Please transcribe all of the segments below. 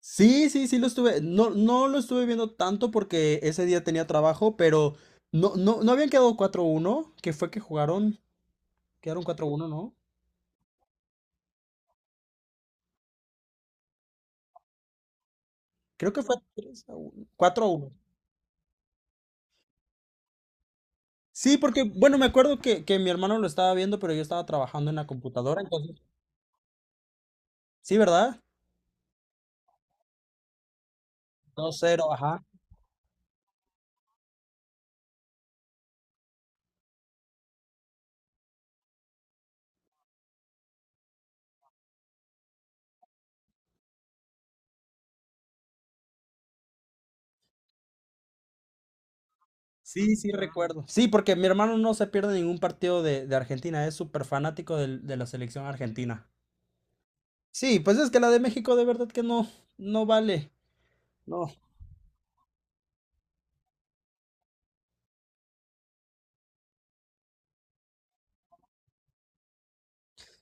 Sí, sí, sí lo estuve, no, no lo estuve viendo tanto porque ese día tenía trabajo, pero no, no, no habían quedado 4 uno, que fue que jugaron, quedaron 4 uno, ¿no? Creo que fue 3-1, 4-1. Sí, porque, bueno, me acuerdo que mi hermano lo estaba viendo, pero yo estaba trabajando en la computadora, entonces, sí, verdad. Dos cero, ajá. Sí, sí, recuerdo. Sí, porque mi hermano no se pierde ningún partido de Argentina, es súper fanático de la selección argentina. Sí, pues es que la de México de verdad que no, no vale. No.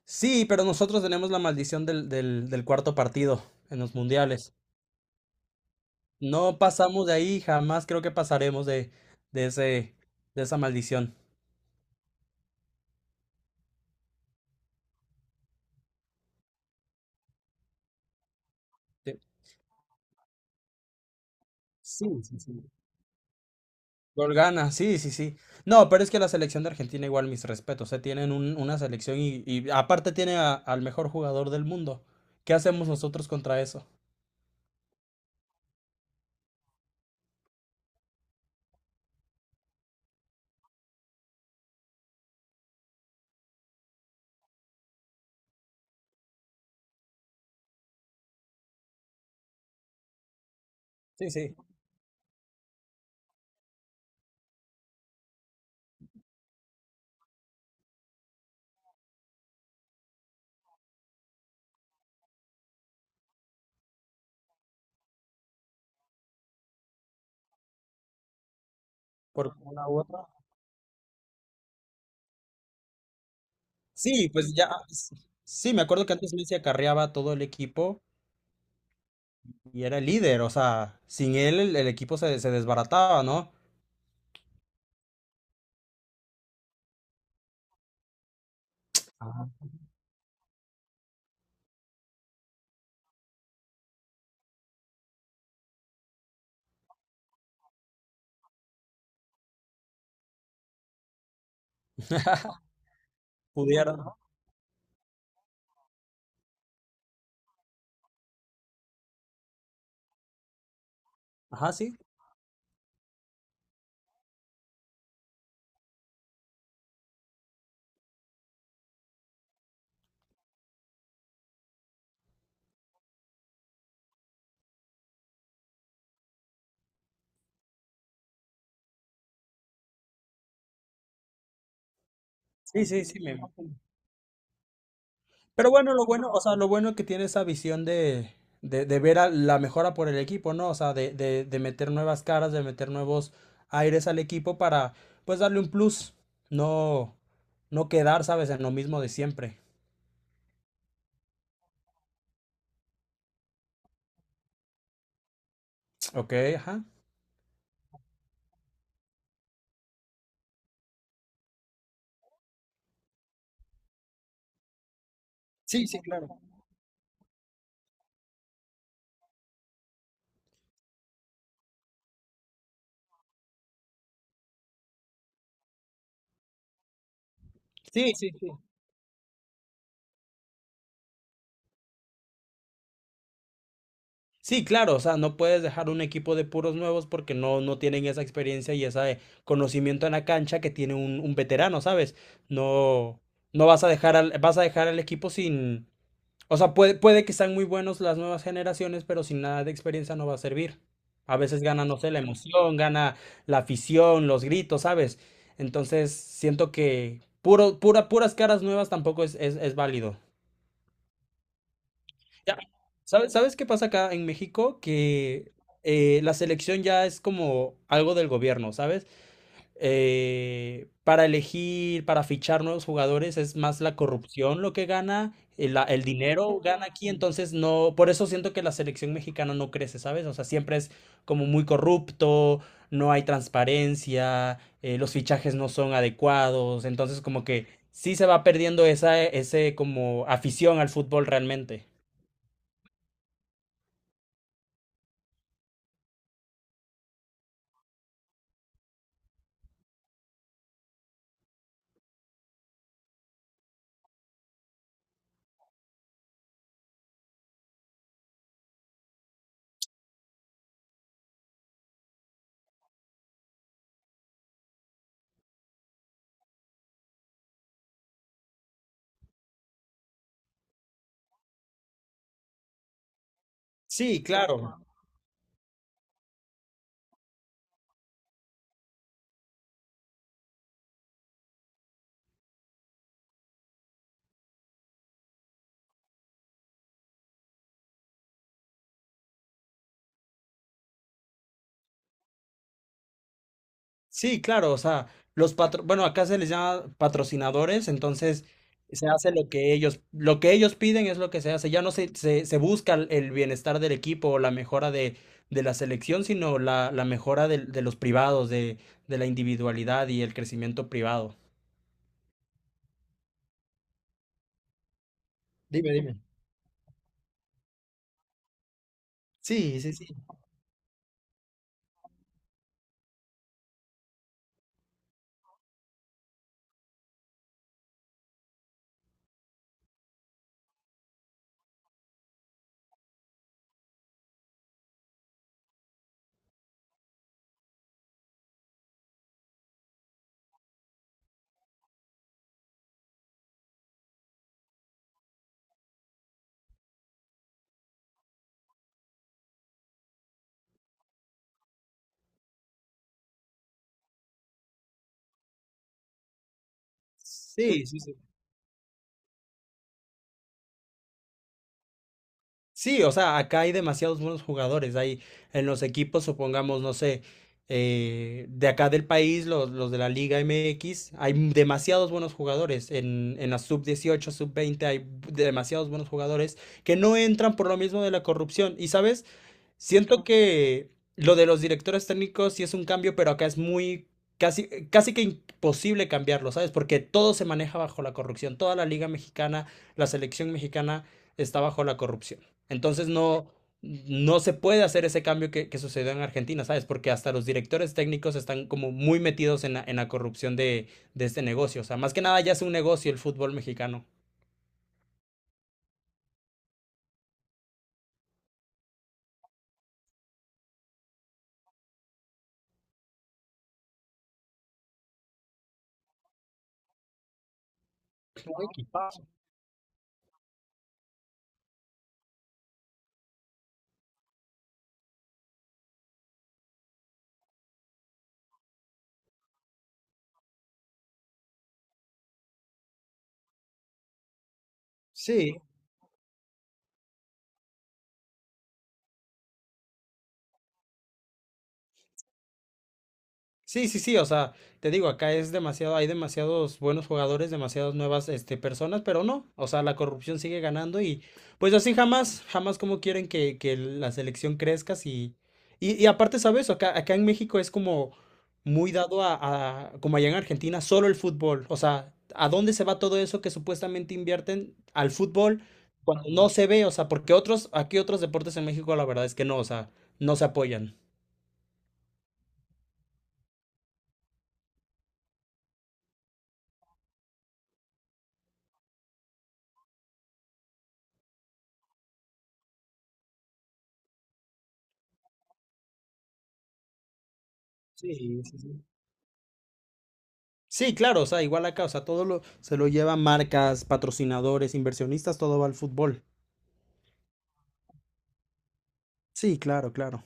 Sí, pero nosotros tenemos la maldición del cuarto partido en los mundiales. No pasamos de ahí, jamás creo que pasaremos de ese, de esa maldición. De- Sí, sí, sí. Gol gana, sí, sí, sí. No, pero es que la selección de Argentina, igual mis respetos. Se tienen una selección y aparte tiene al mejor jugador del mundo. ¿Qué hacemos nosotros contra eso? Sí, sí, por una u otra. Sí, pues ya, sí, me acuerdo que antes Messi acarreaba a todo el equipo. Y era el líder, o sea, sin él el equipo se desbarataba, ¿no? Ajá. Pudiera, ¿no? Ajá, sí. Sí, sí, sí, me imagino. Pero bueno, lo bueno, o sea, lo bueno es que tiene esa visión de, ver a la mejora por el equipo, ¿no? O sea, de meter nuevas caras, de meter nuevos aires al equipo para, pues, darle un plus. No, no quedar, ¿sabes? En lo mismo de siempre. Ok, ajá. Sí, sí, claro. Sí, sí, sí. Sí, claro, o sea, no puedes dejar un equipo de puros nuevos porque no, no tienen esa experiencia y ese conocimiento en la cancha que tiene un veterano, ¿sabes? No, no vas a dejar al equipo sin, o sea, puede que sean muy buenos las nuevas generaciones, pero sin nada de experiencia no va a servir. A veces gana, no sé, la emoción, gana la afición, los gritos, ¿sabes? Entonces, siento que puro, pura, puras caras nuevas tampoco es, es válido. Ya. ¿Sabes qué pasa acá en México? Que la selección ya es como algo del gobierno, ¿sabes? Para elegir, para fichar nuevos jugadores, es más la corrupción lo que gana, el dinero gana aquí, entonces no, por eso siento que la selección mexicana no crece, ¿sabes? O sea, siempre es como muy corrupto, no hay transparencia, los fichajes no son adecuados, entonces como que sí se va perdiendo esa, ese como afición al fútbol realmente. Sí, claro. Sí, claro. O sea, los patro, bueno, acá se les llama patrocinadores, entonces se hace lo que ellos, piden es lo que se hace. Ya no se busca el bienestar del equipo o la mejora de la selección, sino la mejora de los privados, de la individualidad y el crecimiento privado. Dime, dime. Sí, sí, sí. Sí, sí, sí. Sí, o sea, acá hay demasiados buenos jugadores. Hay en los equipos, supongamos, no sé, de acá del país, los de la Liga MX, hay demasiados buenos jugadores. En la sub 18, sub 20, hay demasiados buenos jugadores que no entran por lo mismo de la corrupción. Y sabes, siento que lo de los directores técnicos sí es un cambio, pero acá es muy casi, casi que imposible cambiarlo, ¿sabes? Porque todo se maneja bajo la corrupción. Toda la liga mexicana, la selección mexicana está bajo la corrupción. Entonces no, no se puede hacer ese cambio que sucedió en Argentina, ¿sabes? Porque hasta los directores técnicos están como muy metidos en la, corrupción de este negocio. O sea, más que nada ya es un negocio el fútbol mexicano. Sí, sí, sí, sí, o sea, te digo, acá es demasiado, hay demasiados buenos jugadores, demasiadas nuevas, este, personas, pero no, o sea, la corrupción sigue ganando y pues así jamás, jamás como quieren que la selección crezca si... Y aparte, ¿sabes? Acá, acá en México es como muy dado a como allá en Argentina, solo el fútbol, o sea, ¿a dónde se va todo eso que supuestamente invierten al fútbol cuando no se ve? O sea, porque otros, aquí otros deportes en México la verdad es que no, o sea, no se apoyan. Sí, sí, sí. Sí, claro, o sea, igual acá, o sea, todo lo, se lo llevan marcas, patrocinadores, inversionistas, todo va al fútbol. Sí, claro, claro.